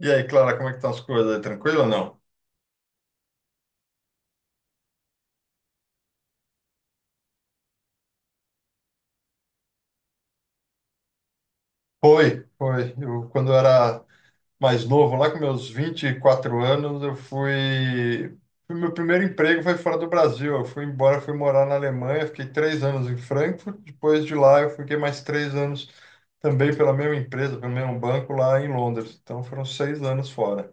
E aí, Clara, como é que estão as coisas? Aí? Tranquilo ou não? Foi, foi. Eu, quando eu era mais novo, lá com meus 24 anos, eu fui. Meu primeiro emprego foi fora do Brasil. Eu fui embora, fui morar na Alemanha, fiquei 3 anos em Frankfurt. Depois de lá, eu fiquei mais 3 anos também pela mesma empresa, pelo mesmo banco lá em Londres. Então, foram 6 anos fora.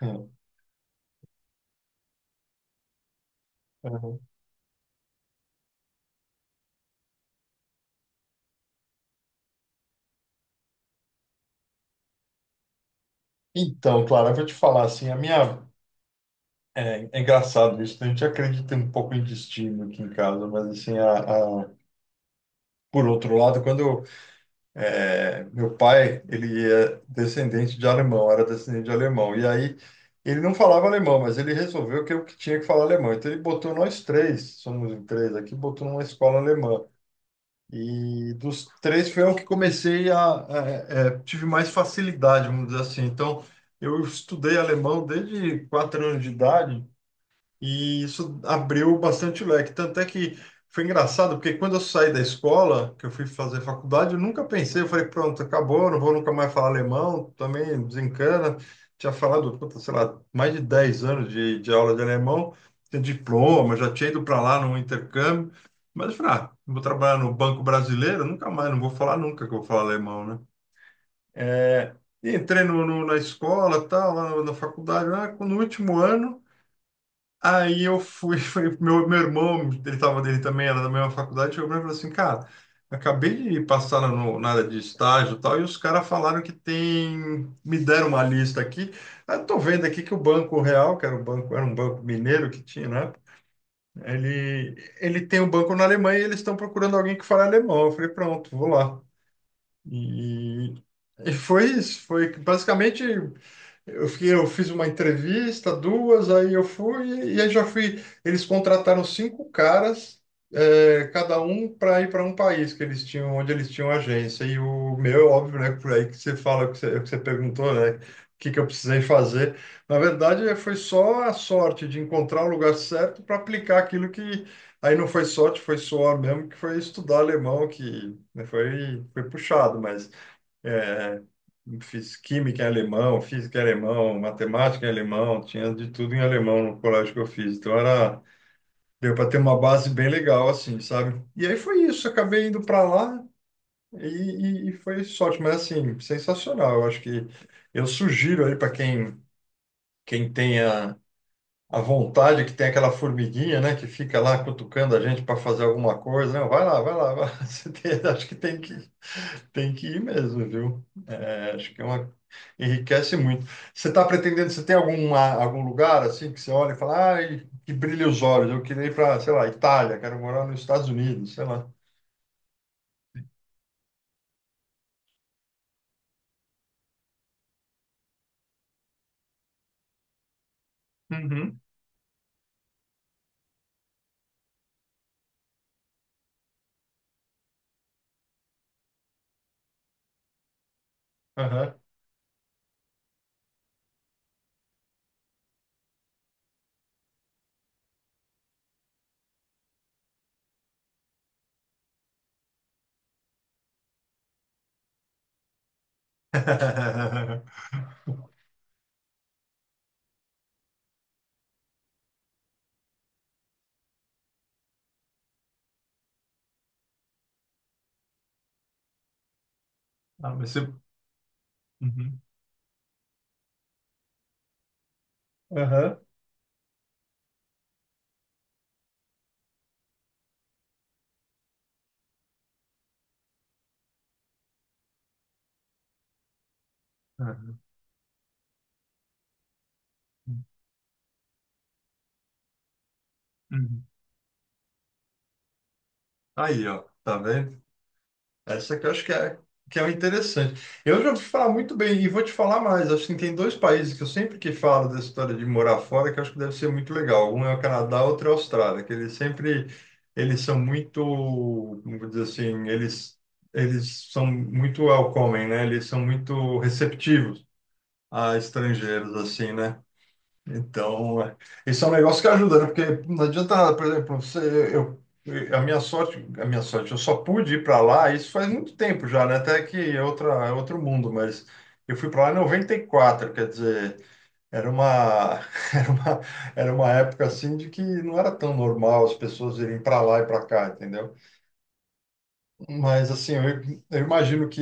Hum. Uhum. Então, Clara, eu vou te falar assim, a minha. É, é engraçado isso, a gente acredita um pouco em destino aqui em casa, mas assim. Por outro lado, quando meu pai, ele é descendente de alemão, era descendente de alemão, e aí ele não falava alemão, mas ele resolveu que eu que tinha que falar alemão. Então ele botou nós três, somos em três aqui, botou numa escola alemã. E dos três foi eu que comecei a, tive mais facilidade, vamos dizer assim. Então eu estudei alemão desde 4 anos de idade e isso abriu bastante o leque. Tanto é que foi engraçado, porque quando eu saí da escola, que eu fui fazer faculdade, eu nunca pensei, eu falei, pronto, acabou, não vou nunca mais falar alemão, também desencana. Tinha falado, puta, sei lá, mais de 10 anos de aula de alemão, tinha diploma, já tinha ido para lá num intercâmbio. Mas eu falei, ah, vou trabalhar no Banco Brasileiro, nunca mais, não vou falar nunca que eu vou falar alemão, né? É, e entrei na escola, tal, lá na faculdade, lá, no último ano. Aí eu fui, meu irmão, ele tava dele também, era da mesma faculdade, chegou pra mim e falou assim, cara, acabei de passar no, na área de estágio e tal, e os caras falaram que tem, me deram uma lista aqui. Aí eu tô vendo aqui que o Banco Real, que era um banco mineiro que tinha, né? Ele, ele tem um banco na Alemanha e eles estão procurando alguém que fale alemão. Eu falei, pronto, vou lá. E, e foi isso, foi basicamente eu fiquei, eu fiz uma entrevista, duas, aí eu fui, e aí já fui. Eles contrataram cinco caras, cada um para ir para um país que eles tinham, onde eles tinham agência. E o meu, óbvio, né? Por aí que você fala, que você perguntou, né? O que que eu precisei fazer. Na verdade, foi só a sorte de encontrar o lugar certo para aplicar aquilo que. Aí não foi sorte, foi suor mesmo, que foi estudar alemão, que né, foi puxado, mas. É, fiz química em alemão, física em alemão, matemática em alemão, tinha de tudo em alemão no colégio que eu fiz. Então era, deu para ter uma base bem legal, assim, sabe? E aí foi isso, acabei indo para lá e foi sorte, mas assim, sensacional. Eu acho que eu sugiro aí para quem tenha a vontade, que tem aquela formiguinha, né, que fica lá cutucando a gente para fazer alguma coisa, não, vai lá, vai lá, vai lá. Acho que tem que ir mesmo, viu? É, acho que é uma. Enriquece muito. Você está pretendendo, você tem alguma, algum lugar assim que você olha e fala, ai, que brilha os olhos, eu queria ir para, sei lá, Itália, quero morar nos Estados Unidos, sei lá. Uhum. Aham. Ah, mas você. Uhum. Aham. Aham. Uhum. Aí, ó, tá vendo? Essa que eu acho que é o interessante. Eu já ouvi falar muito bem, e vou te falar mais. Acho que tem dois países que eu sempre que falo dessa história de morar fora, que eu acho que deve ser muito legal. Um é o Canadá, outro é a Austrália, que eles sempre, eles são muito, como vou dizer assim, eles são muito welcoming, né? Eles são muito receptivos a estrangeiros, assim, né? Então, esse é um negócio que ajuda, né? Porque não adianta nada, por exemplo, você, eu, a minha sorte, eu só pude ir para lá, isso faz muito tempo já, né? Até que é outra, é outro mundo, mas eu fui para lá em noventa e quatro, quer dizer, era uma, era uma, era uma época assim de que não era tão normal as pessoas irem para lá e para cá, entendeu? Mas assim, eu imagino que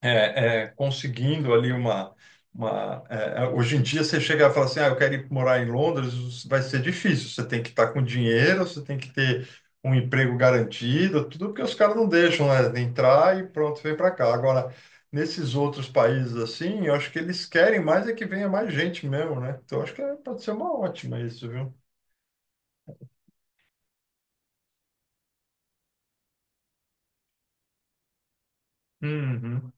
conseguindo ali uma hoje em dia você chega e fala assim, ah, eu quero ir morar em Londres, vai ser difícil. Você tem que estar com dinheiro, você tem que ter um emprego garantido, tudo porque os caras não deixam, né? Entrar e pronto, vem para cá. Agora, nesses outros países assim, eu acho que eles querem mais é que venha mais gente mesmo, né? Então, eu acho que pode ser uma ótima isso, viu? Uhum.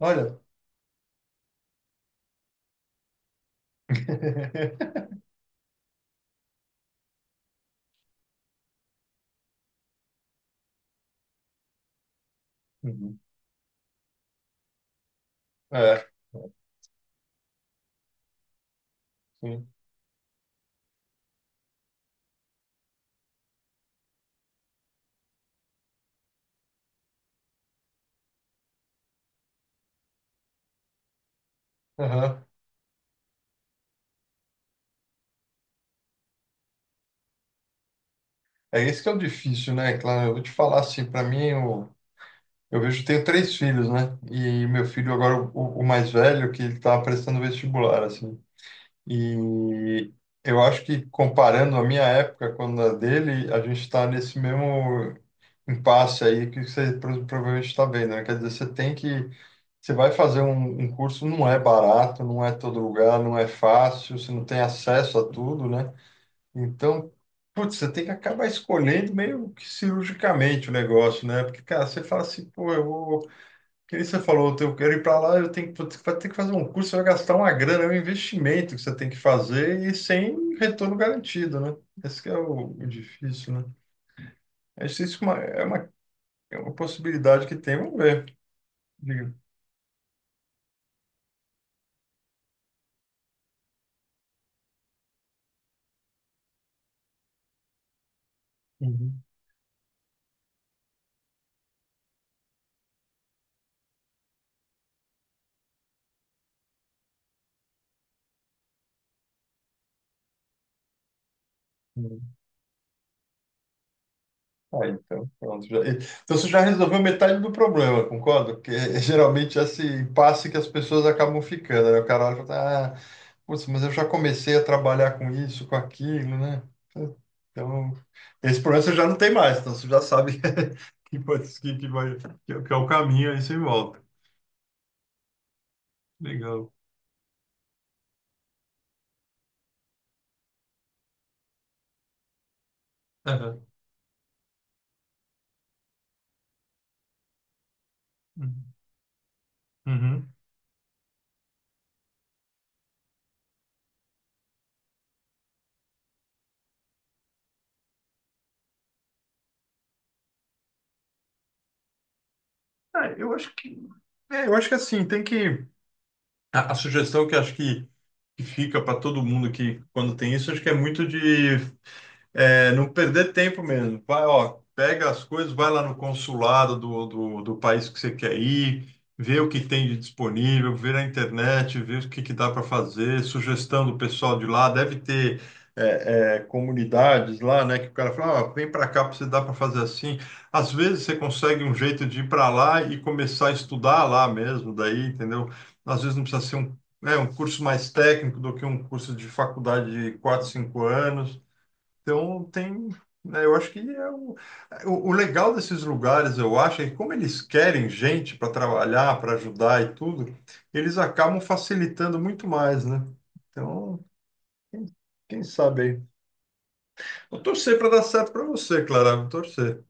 Olha. Uhum. É. Sim. Aham. É esse que é o difícil, né? Claro, eu vou te falar assim, para mim, eu vejo, tenho três filhos, né? E meu filho agora, o mais velho, que ele tá prestando vestibular, assim. E eu acho que comparando a minha época com a dele, a gente está nesse mesmo impasse aí que você provavelmente está vendo, né? Quer dizer, você tem que, você vai fazer um curso, não é barato, não é todo lugar, não é fácil, você não tem acesso a tudo, né? Então, putz, você tem que acabar escolhendo meio que cirurgicamente o negócio, né? Porque, cara, você fala assim, pô, eu vou. Que nem você falou, eu quero ir para lá, eu tenho que, putz, vai ter que fazer um curso, você vai gastar uma grana, é um investimento que você tem que fazer e sem retorno garantido, né? Esse que é o difícil, né? Acho que isso é uma, é uma possibilidade que tem, vamos ver. Diga. Uhum. Ah, então, pronto. Então você já resolveu metade do problema, concordo? Porque geralmente esse impasse que as pessoas acabam ficando, né? O cara olha e fala, ah, putz, mas eu já comecei a trabalhar com isso, com aquilo, né? Então, esse problema você já não tem mais, então você já sabe que vai, que é o caminho, aí você volta. Legal. Aham. Uhum. Uhum. É, eu acho que, eu acho que assim, tem que. A sugestão que acho que fica para todo mundo que quando tem isso, acho que é muito de. É, não perder tempo mesmo. Vai, ó, pega as coisas, vai lá no consulado do país que você quer ir, vê o que tem de disponível, vê na internet, vê o que dá para fazer, sugestão do pessoal de lá. Deve ter comunidades lá, né, que o cara fala, ó, vem para cá para você dar para fazer assim. Às vezes você consegue um jeito de ir para lá e começar a estudar lá mesmo, daí, entendeu? Às vezes não precisa ser um curso mais técnico do que um curso de faculdade de 4 5 anos. Então tem, né, eu acho que é o legal desses lugares, eu acho, é que como eles querem gente para trabalhar, para ajudar e tudo, eles acabam facilitando muito mais, né? Então, quem, quem sabe aí. Vou torcer para dar certo para você, Clara, vou torcer.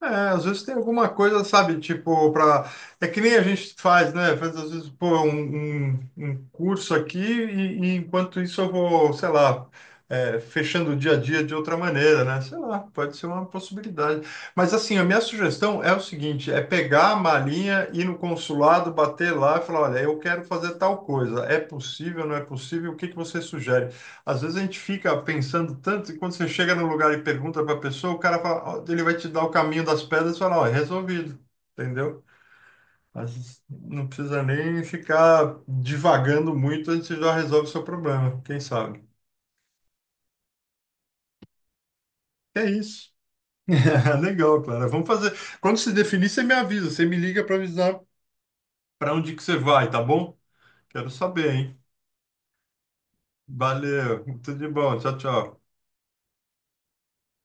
Às vezes tem alguma coisa, sabe, tipo, pra. É que nem a gente faz, né? Faz, às vezes, pô, um curso aqui e enquanto isso eu vou, sei lá, fechando o dia a dia de outra maneira, né? Sei lá, pode ser uma possibilidade. Mas, assim, a minha sugestão é o seguinte, é pegar a malinha, ir no consulado, bater lá e falar, olha, eu quero fazer tal coisa. É possível, não é possível? O que que você sugere? Às vezes a gente fica pensando tanto e quando você chega num lugar e pergunta para a pessoa, o cara fala, ó, ele vai te dar o caminho das pedras e fala, ó, é resolvido, entendeu? Às vezes não precisa nem ficar divagando muito, a gente já resolve o seu problema, quem sabe? É isso. Legal, Clara. Vamos fazer. Quando se definir, você me avisa, você me liga para avisar para onde que você vai, tá bom? Quero saber, hein? Valeu, tudo de bom. Tchau, tchau.